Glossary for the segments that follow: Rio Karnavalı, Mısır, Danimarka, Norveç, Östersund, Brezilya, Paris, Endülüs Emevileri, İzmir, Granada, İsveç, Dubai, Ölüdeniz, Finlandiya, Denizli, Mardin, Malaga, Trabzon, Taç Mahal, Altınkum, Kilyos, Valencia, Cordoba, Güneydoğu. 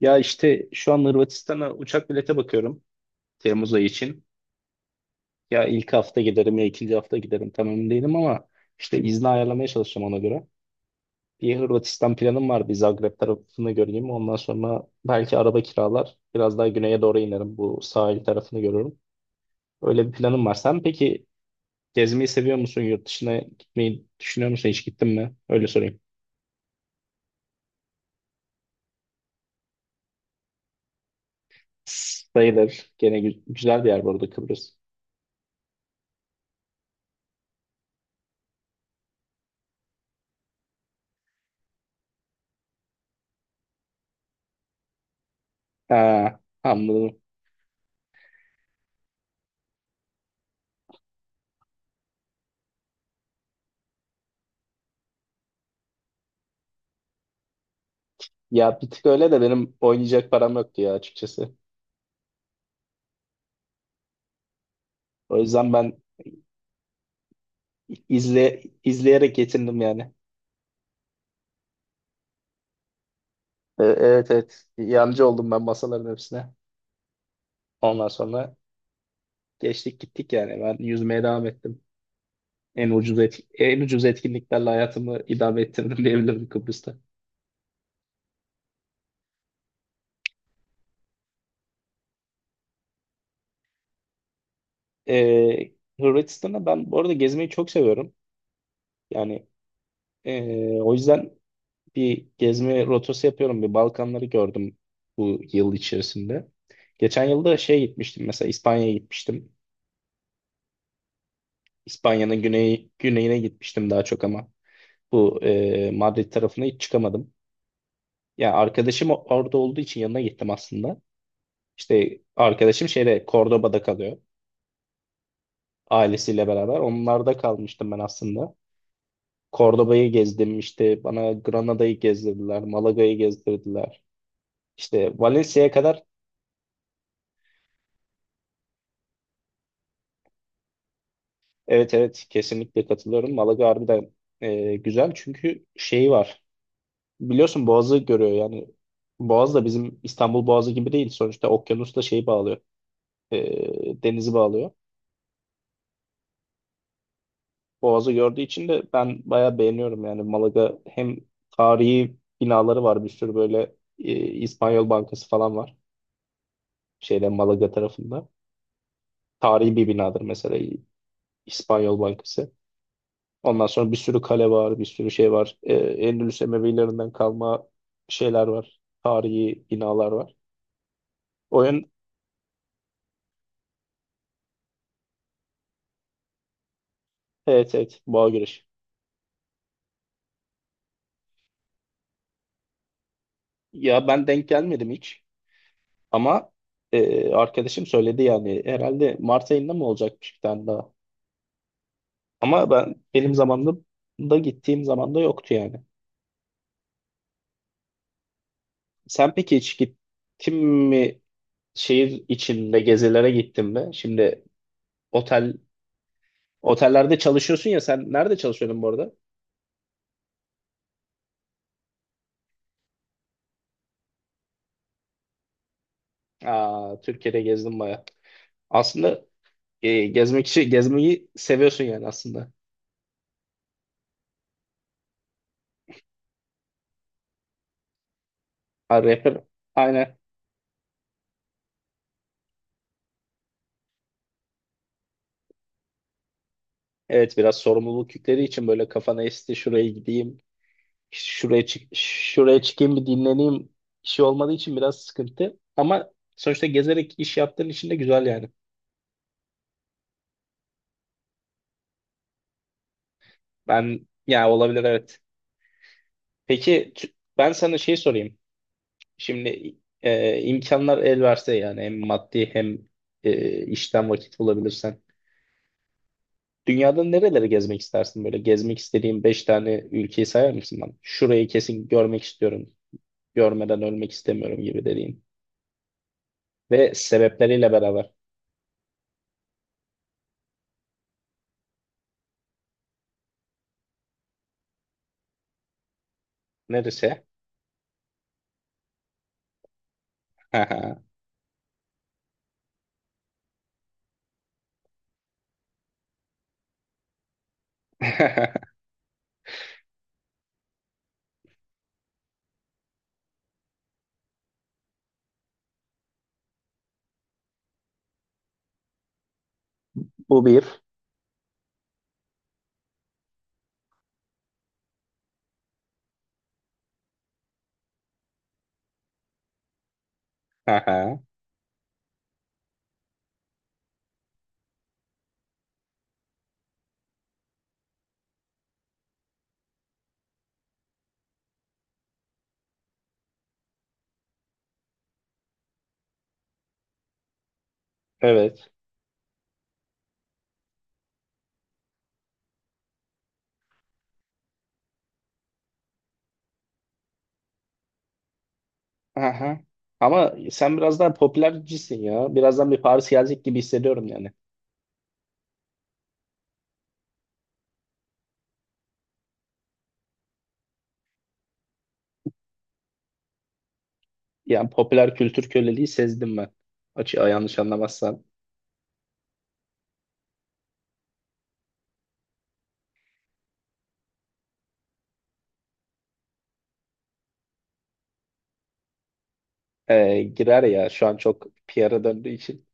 Ya işte şu an Hırvatistan'a uçak bilete bakıyorum Temmuz ayı için. Ya ilk hafta giderim ya ikinci hafta giderim tam emin değilim ama işte izni ayarlamaya çalışacağım ona göre. Bir Hırvatistan planım var bir Zagreb tarafını göreyim. Ondan sonra belki araba kiralar biraz daha güneye doğru inerim bu sahil tarafını görürüm. Öyle bir planım var. Sen peki gezmeyi seviyor musun? Yurt dışına gitmeyi düşünüyor musun? Hiç gittin mi? Öyle sorayım. Sayılır. Gene güzel bir yer burada Kıbrıs. Ha, anladım. Ya bir tık öyle de benim oynayacak param yoktu ya açıkçası. O yüzden ben izleyerek yetindim yani. Evet, evet. Yancı oldum ben masaların hepsine. Ondan sonra geçtik gittik yani. Ben yüzmeye devam ettim. En ucuz en ucuz etkinliklerle hayatımı idame ettirdim diyebilirim Kıbrıs'ta. E, Hırvatistan'a ben bu arada gezmeyi çok seviyorum. Yani o yüzden bir gezme rotası yapıyorum. Bir Balkanları gördüm bu yıl içerisinde. Geçen yılda gitmiştim mesela, İspanya'ya gitmiştim. İspanya'nın güneyine gitmiştim daha çok ama Madrid tarafına hiç çıkamadım. Ya arkadaşım orada olduğu için yanına gittim aslında. İşte arkadaşım Cordoba'da kalıyor ailesiyle beraber. Onlarda kalmıştım ben aslında. Cordoba'yı gezdim, işte bana Granada'yı gezdirdiler, Malaga'yı gezdirdiler. İşte Valencia'ya kadar. Evet, evet, kesinlikle katılıyorum. Malaga harbiden güzel çünkü şeyi var. Biliyorsun Boğaz'ı görüyor yani. Boğaz da bizim İstanbul Boğazı gibi değil. Sonuçta okyanusla şeyi bağlıyor. Denizi bağlıyor. Boğaz'ı gördüğü için de ben bayağı beğeniyorum yani. Malaga hem tarihi binaları var bir sürü böyle, İspanyol Bankası falan var. Şeyde Malaga tarafında. Tarihi bir binadır mesela İspanyol Bankası. Ondan sonra bir sürü kale var, bir sürü şey var. Endülüs Emevilerinden kalma şeyler var. Tarihi binalar var. Oyun, evet evet, boğa güreşi. Ya ben denk gelmedim hiç ama arkadaşım söyledi yani herhalde Mart ayında mı olacakmış bir tane daha. Ama benim zamanımda da gittiğim zamanda yoktu yani. Sen peki hiç gittin mi, şehir içinde gezilere gittin mi? Şimdi otel otellerde çalışıyorsun ya, sen nerede çalışıyordun bu arada? Aa, Türkiye'de gezdim baya. Aslında gezmek için gezmeyi seviyorsun yani aslında. Ha, rapper, aynen. Evet, biraz sorumluluk yükleri için böyle kafana esti şuraya gideyim, işte şuraya çık, şuraya çıkayım bir dinleneyim işi olmadığı için biraz sıkıntı. Ama sonuçta gezerek iş yaptığın için de güzel yani. Ben yani olabilir, evet. Peki ben sana şey sorayım. Şimdi imkanlar el verse yani hem maddi hem işten vakit bulabilirsen. Dünyada nereleri gezmek istersin böyle? Gezmek istediğin 5 tane ülkeyi sayar mısın bana? Şurayı kesin görmek istiyorum. Görmeden ölmek istemiyorum gibi dediğin. Ve sebepleriyle beraber. Neresi? Haha. Bu bir. Haha. Evet. Haha. Ama sen biraz daha popülercisin ya. Birazdan bir Paris gelecek gibi hissediyorum yani. Yani popüler kültür köleliği sezdim ben. Açığa yanlış anlamazsan. Girer ya şu an çok PR'a döndüğü için.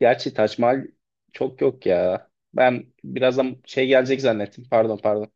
Gerçi Taç Mahal çok yok ya. Ben birazdan şey gelecek zannettim. Pardon, pardon.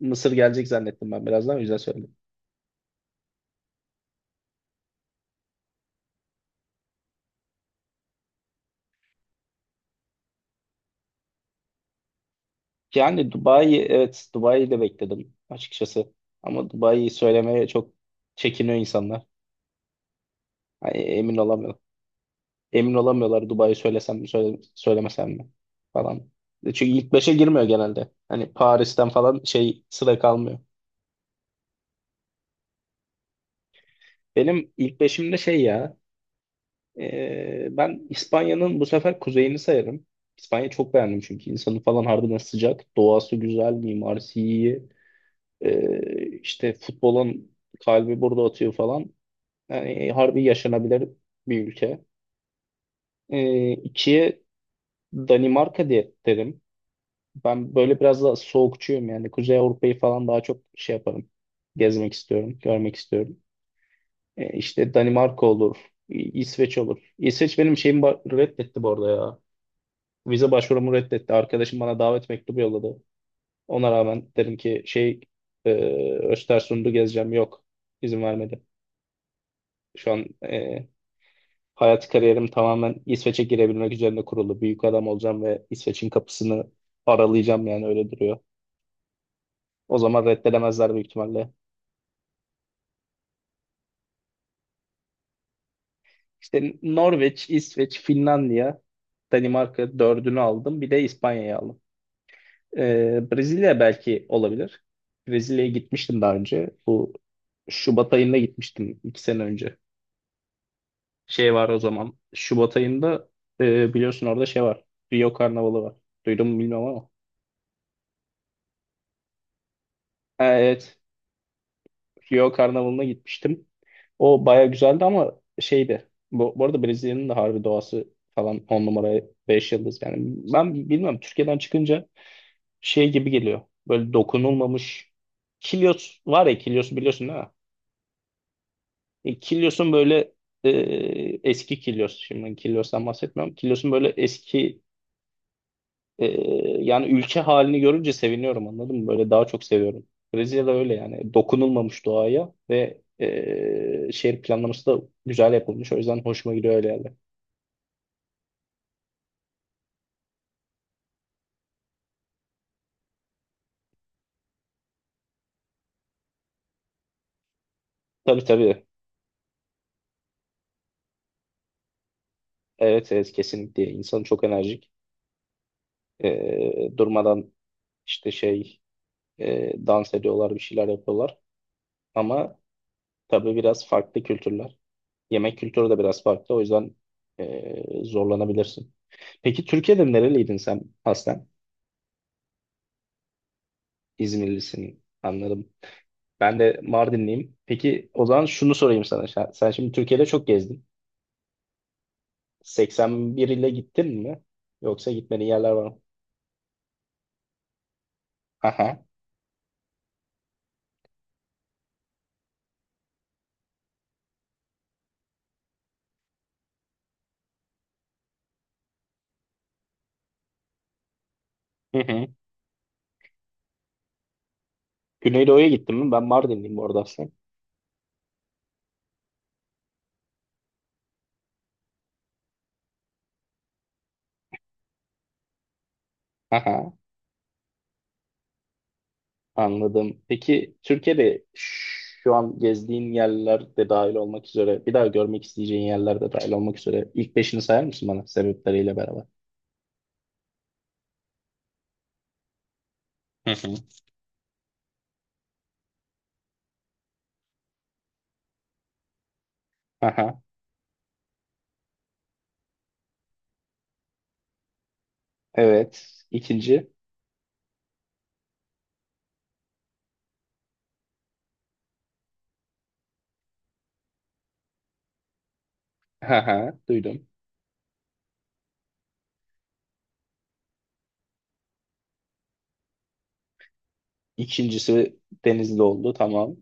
Mısır gelecek zannettim ben birazdan, o yüzden söyledim. Yani Dubai'yi, evet, Dubai'yi de bekledim açıkçası. Ama Dubai'yi söylemeye çok çekiniyor insanlar. Hani emin olamıyor. Emin olamıyorlar Dubai'yi söylemesem mi falan. Çünkü ilk beşe girmiyor genelde. Hani Paris'ten falan şey sıra kalmıyor. Benim ilk beşimde şey ya. Ben İspanya'nın bu sefer kuzeyini sayarım. İspanya çok beğendim çünkü insanı falan harbiden sıcak. Doğası güzel, mimarisi iyi. İşte futbolun kalbi burada atıyor falan. Yani harbi yaşanabilir bir ülke. İkiye Danimarka diye derim. Ben böyle biraz da soğukçuyum yani. Kuzey Avrupa'yı falan daha çok şey yaparım. Gezmek istiyorum, görmek istiyorum. İşte Danimarka olur, İsveç olur. İsveç benim şeyimi reddetti bu arada ya. Vize başvurumu reddetti. Arkadaşım bana davet mektubu yolladı. Ona rağmen dedim ki şey, e, Östersund'u gezeceğim. Yok, izin vermedi. Şu an e, hayat kariyerim tamamen İsveç'e girebilmek üzerine kurulu. Büyük adam olacağım ve İsveç'in kapısını aralayacağım yani öyle duruyor. O zaman reddedemezler büyük ihtimalle. İşte Norveç, İsveç, Finlandiya, Danimarka dördünü aldım. Bir de İspanya'yı aldım. Brezilya belki olabilir. Brezilya'ya gitmiştim daha önce. Şubat ayında gitmiştim iki sene önce. Şey var o zaman. Şubat ayında biliyorsun orada şey var. Rio Karnavalı var. Duydun mu bilmiyorum ama. Ha, evet. Rio Karnavalı'na gitmiştim. O baya güzeldi ama şeydi. Bu arada Brezilya'nın da harbi doğası falan 10 numara 5 yıldız. Yani ben bilmiyorum Türkiye'den çıkınca şey gibi geliyor. Böyle dokunulmamış Kilyos var ya, Kilyos'u biliyorsun değil mi? Kilyos'un böyle e, eski Kilyos, şimdi Kilyos'tan bahsetmiyorum. Kilyos'un böyle eski e, yani ülke halini görünce seviniyorum anladın mı? Böyle daha çok seviyorum. Brezilya'da öyle yani dokunulmamış doğaya ve şehir planlaması da güzel yapılmış. O yüzden hoşuma gidiyor öyle yerler. Tabii, tabii. Evet evet, kesinlikle. İnsan çok enerjik. Durmadan işte şey dans ediyorlar, bir şeyler yapıyorlar. Ama tabii biraz farklı kültürler. Yemek kültürü de biraz farklı. O yüzden zorlanabilirsin. Peki Türkiye'de nereliydin sen aslen? İzmirlisin, anladım. Ben de Mardinliyim. Peki o zaman şunu sorayım sana. Sen şimdi Türkiye'de çok gezdin. 81 ile gittin mi? Yoksa gitmediğin yerler var mı? Aha. Hı hı. Güneydoğu'ya gittin mi? Ben Mardinliyim orada aslında. Aha. Anladım. Peki Türkiye'de şu an gezdiğin yerler de dahil olmak üzere, bir daha görmek isteyeceğin yerler de dahil olmak üzere ilk beşini sayar mısın bana sebepleriyle beraber? Hı hı. Aha, evet. İkinci. Aha, duydum. İkincisi Denizli oldu. Tamam.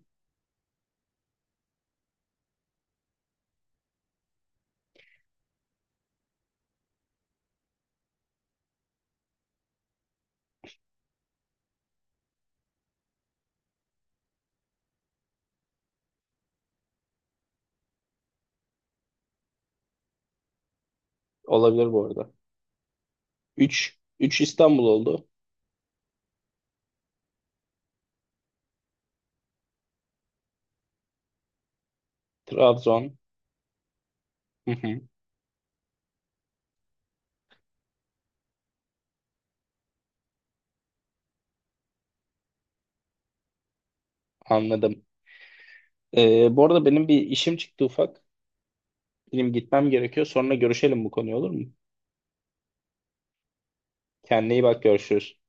Olabilir bu arada. Üç. Üç İstanbul oldu. Trabzon. Hı hı, anladım. Bu arada benim bir işim çıktı ufak. Benim gitmem gerekiyor. Sonra görüşelim bu konuyu, olur mu? Kendine iyi bak, görüşürüz.